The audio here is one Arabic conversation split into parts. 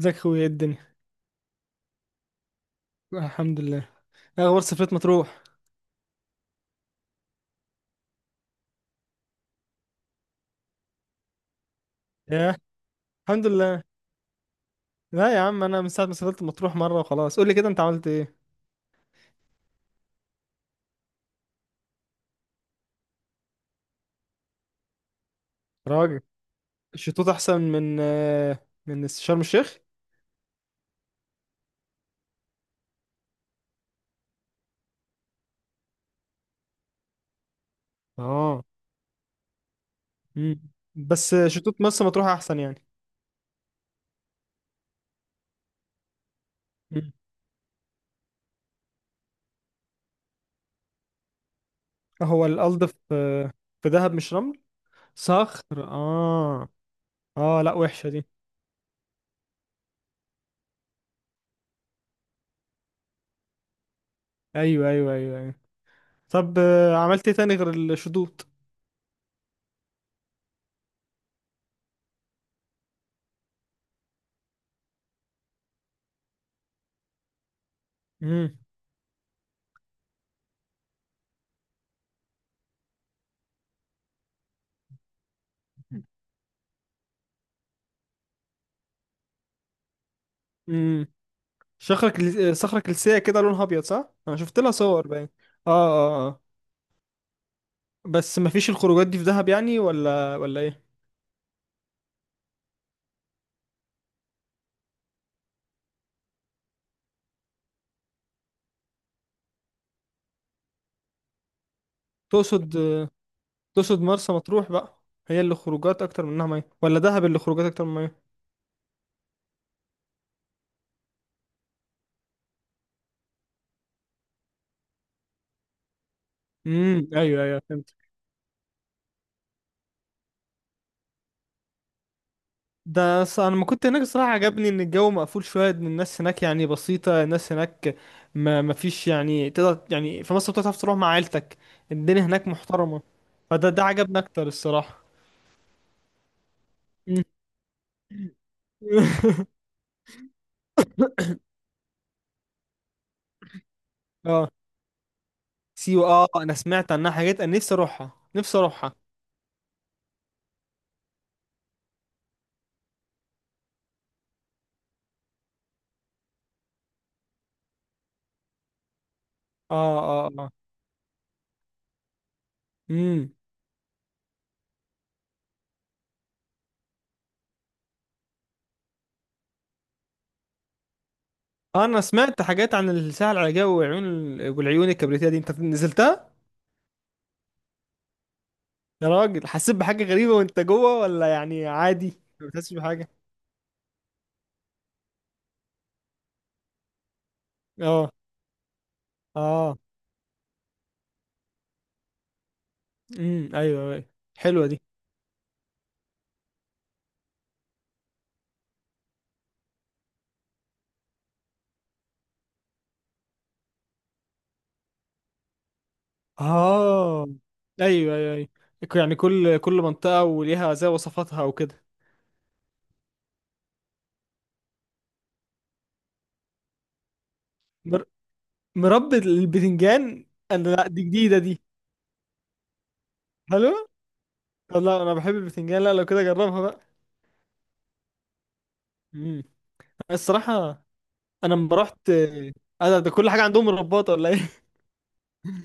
ازيك اخويا، ايه الدنيا؟ الحمد لله. ايه اخبار سفرية مطروح؟ ياه. الحمد لله. لا يا عم، انا من ساعة ما سافرت مطروح مرة وخلاص. قول لي كده، انت عملت ايه؟ راجل. الشطوط احسن من شرم الشيخ. اه. مم. بس شطوط مرسى مطروح احسن يعني. مم. هو الألض في... في دهب مش رمل. صخر، اه. اه، لا، وحشة دي. ايوه، ايوه، ايوه، ايوه. طب، عملت ايه تاني غير الشطوط؟ امم. صخرة كلسية كده، لونها أبيض، صح؟ أنا شفت لها صور باين. آه، آه، آه. بس مفيش الخروجات دي في دهب يعني، ولا إيه؟ تقصد تقصد مرسى مطروح بقى. هي اللي خروجات أكتر منها مية ولا دهب اللي خروجات أكتر من مية؟ أمم، أيوه، أيوه، فهمت. أنا لما كنت هناك الصراحة عجبني إن الجو مقفول شوية، إن الناس هناك يعني بسيطة، الناس هناك. ما مفيش يعني، تقدر يعني في مصر بتعرف تروح مع عيلتك. الدنيا هناك محترمة. فده عجبني أكتر الصراحة. أمم. آه، سيوة. اه، انا سمعت عنها حاجات، انا نفسي اروحها، نفسي اروحها. اه، اه، اه. امم. انا سمعت حاجات عن الساحل العاجبي وعيون. والعيون الكبريتية دي، انت نزلتها؟ يا راجل، حسيت بحاجة غريبة وانت جوه، ولا يعني عادي؟ ما بتحسش بحاجة. اه، اه. امم، ايوه، ايوه. حلوة دي. اه، ايوه، ايوه، ايوه. يعني كل منطقة وليها زي وصفاتها وكده. مر... مربى البتنجان. انا، لا، دي جديدة دي. حلوة. والله انا بحب البتنجان، لا لو كده جربها بقى. مم. الصراحة. أنا لما رحت. أنا ده كل حاجة عندهم رباطة، ولا إيه؟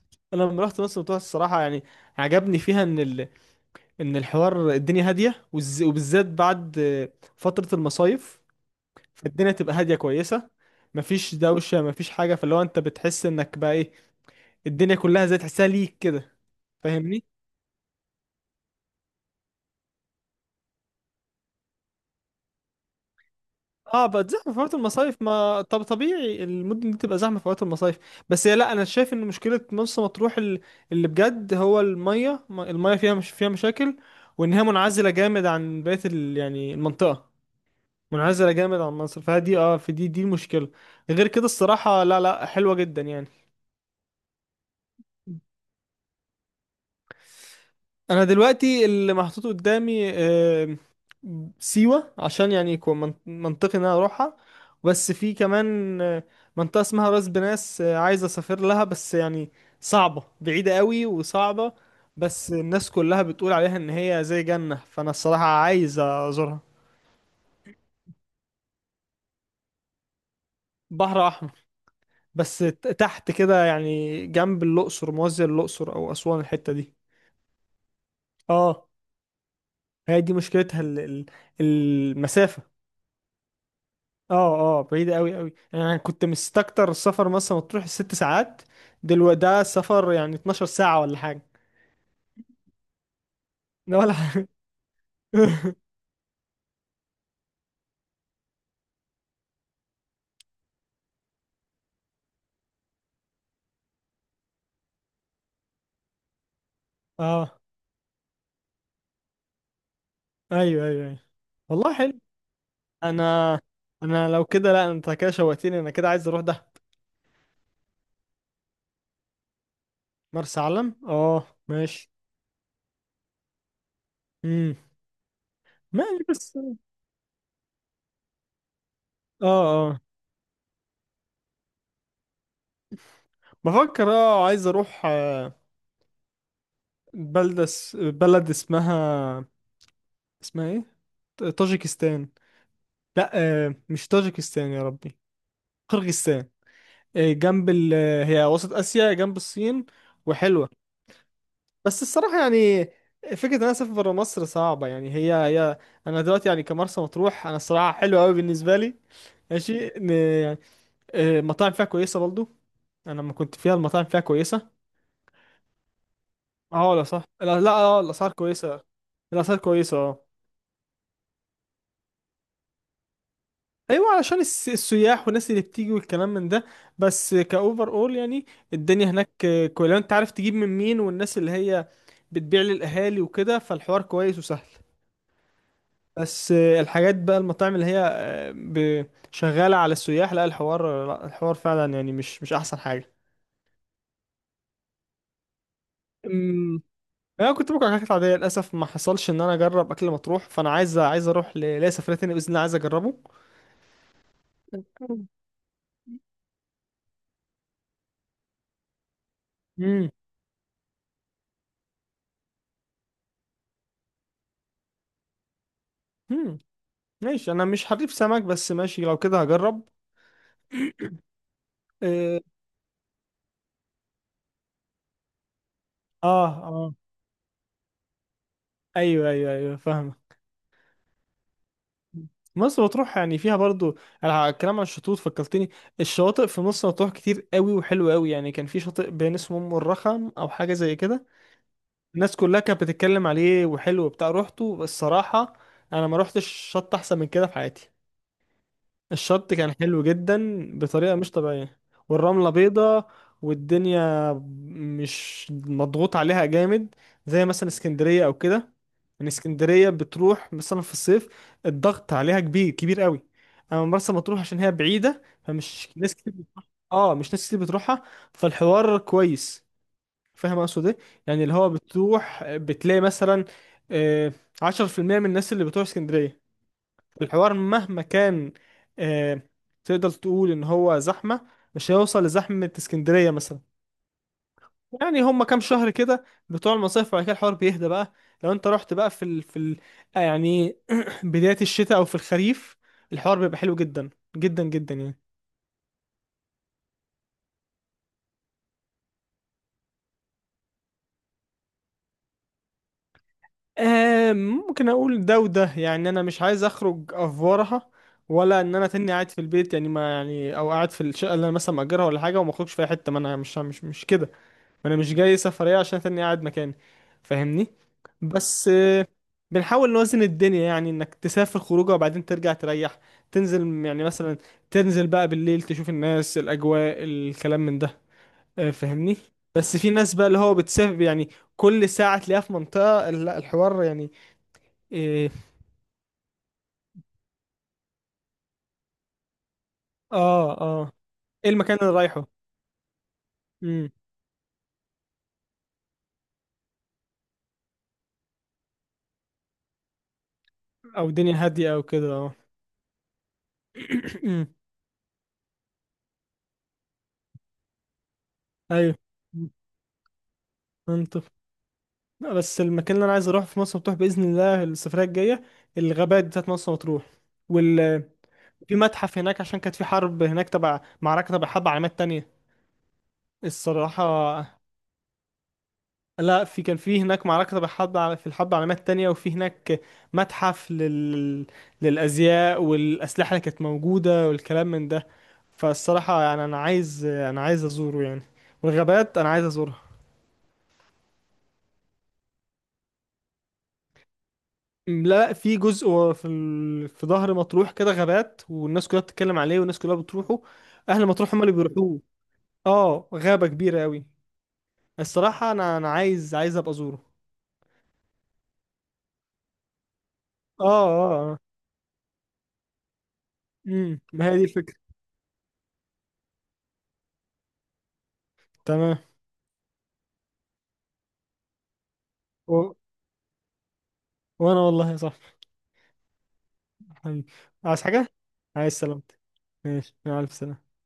أنا لما رحت مصر مطروح الصراحة يعني. عجبني فيها إن الحوار الدنيا هادية، وبالذات بعد فترة المصايف. فالدنيا تبقى هادية كويسة. مفيش دوشة، مفيش حاجة، فاللي هو أنت بتحس إنك بقى إيه. الدنيا كلها زي تحسها ليك كده. فاهمني؟ اه، بقت زحمه في وقت المصايف، ما طب طبيعي المدن دي تبقى زحمه في وقت المصايف. بس هي لا، انا شايف ان مشكله مرسى مطروح اللي بجد هو الميه الميه فيها، مش فيها مشاكل. وان هي منعزله جامد عن بقيه يعني المنطقه. منعزله جامد عن مصر، فدي في دي المشكله. غير كده الصراحه، لا، لا، حلوه جدا يعني. انا دلوقتي اللي محطوط قدامي سيوة، عشان يعني يكون منطقي ان انا اروحها. بس في كمان منطقة اسمها راس بناس، عايز اسافر لها، بس يعني صعبة، بعيدة قوي وصعبة. بس الناس كلها بتقول عليها ان هي زي جنة، فانا الصراحة عايز ازورها. بحر احمر. بس تحت كده يعني، جنب الاقصر، موازية الاقصر او اسوان الحتة دي. اه. هي دي مشكلتها المسافة. اه، اه، بعيدة قوي قوي، انا كنت مستكتر السفر مثلا مطروح الـ 6 ساعات. دلوقتي ده سفر يعني 12 ساعة ولا حاجة. ده ولا حاجة. اه، ايوه، ايوه، ايوه. والله حلو. انا انا لو كده، لا انت كده شوقتني، انا كده عايز اروح ده. مرسى علم، اه، ماشي. امم. ماشي بس. اه، اه. بفكر عايز اروح، بلد اسمها، اسمها ايه؟ طاجيكستان. لا. مش طاجيكستان يا ربي. قرغيزستان. إيه، جنب ال. هي وسط آسيا جنب الصين. وحلوة. بس الصراحة يعني، فكرة إن أنا أسافر برا مصر صعبة يعني، هي. أنا دلوقتي يعني كمرسى مطروح، أنا الصراحة حلوة أوي بالنسبة لي. ماشي يعني، المطاعم فيها كويسة برضو. أنا لما كنت فيها المطاعم فيها كويسة. أه، لا، صح، لا، لا، الأسعار كويسة. الأسعار كويسة، أه. ايوه، علشان السياح والناس اللي بتيجي والكلام من ده. بس كاوفر اول يعني. الدنيا هناك كويس لو انت عارف تجيب من مين والناس اللي هي بتبيع للاهالي وكده، فالحوار كويس وسهل. بس الحاجات بقى المطاعم اللي هي شغاله على السياح، لا الحوار، لا الحوار فعلا يعني مش احسن حاجه. أمم. انا كنت باكل حاجات عاديه، للاسف ما حصلش ان انا اجرب اكل مطروح، فانا عايز اروح ليا سفريه تانية باذن الله، عايز اجربه. امم، امم. ماشي، انا مش حريف سمك، بس ماشي لو كده هجرب. اه، اه، ايوه، ايوه، ايوه، فاهمه. مرسى مطروح يعني فيها برضو. على الكلام عن الشطوط فكرتني. الشواطئ في مرسى مطروح كتير قوي وحلوه قوي يعني، كان في شاطئ بين اسمه ام الرخم او حاجه زي كده. الناس كلها كانت بتتكلم عليه وحلو بتاع روحته الصراحه. انا ما روحتش شط احسن من كده في حياتي. الشط كان حلو جدا بطريقة مش طبيعية. والرملة بيضة. والدنيا مش مضغوط عليها جامد، زي مثلا اسكندرية او كده. ان اسكندرية بتروح مثلا في الصيف، الضغط عليها كبير كبير قوي. اما مرسى مطروح عشان هي بعيدة فمش ناس كتير بتروح. اه، مش ناس كتير بتروحها. فالحوار كويس. فاهم اقصد ايه؟ يعني اللي هو بتروح بتلاقي مثلا آه، 10% من الناس اللي بتروح اسكندرية. الحوار مهما كان، آه، تقدر تقول ان هو زحمة، مش هيوصل لزحمة اسكندرية مثلا. يعني هما كام شهر كده بتوع المصيف وبعد كده الحوار بيهدى بقى. لو انت رحت بقى يعني بداية الشتاء او في الخريف، الحوار بيبقى حلو جدا، جدا جدا يعني. آه، ممكن اقول ده وده يعني، انا مش عايز اخرج افورها. ولا ان انا تاني قاعد في البيت يعني، ما يعني او قاعد في الشقه اللي انا مثلا مأجرها ولا حاجه وما اخرجش في اي حته، ما انا مش كده. ما انا مش جاي سفرية عشان تاني قاعد مكاني. فاهمني؟ بس بنحاول نوازن الدنيا يعني، انك تسافر خروجه وبعدين ترجع تريح. تنزل يعني مثلا، تنزل بقى بالليل تشوف الناس، الاجواء، الكلام من ده. فاهمني؟ بس في ناس بقى اللي هو بتسافر يعني كل ساعة تلاقيها في منطقة، لا الحوار يعني إيه. اه، اه. ايه المكان اللي رايحه. امم. او دنيا هادية او كده، اه. أمم. ايوه. منطق. لا بس المكان اللي انا عايز اروحه في مرسى مطروح باذن الله السفريه الجايه، الغابات بتاعت مرسى مطروح. وال. في متحف هناك عشان كانت في حرب هناك، تبع معركه تبع حرب عالمات تانية. الصراحه. لا في كان في هناك معركه تبع حرب في الحرب العالمات التانية، وفي هناك متحف للازياء والاسلحه اللي كانت موجوده والكلام من ده. فالصراحه يعني انا عايز ازوره يعني. والغابات انا عايز ازورها. لا، لا، في جزء في ظهر مطروح كده غابات، والناس كلها بتتكلم عليه، والناس كلها بتروحه. اهل مطروح هم اللي بيروحوه. اه، غابة كبيرة قوي. الصراحة، انا عايز ابقى ازوره. اه، اه، اه. امم. ما هي دي الفكرة. تمام. و... وانا والله يا صاحبي. حبيبي. عايز حاجة؟ عايز سلامتك. ماشي، مع الف سلامة.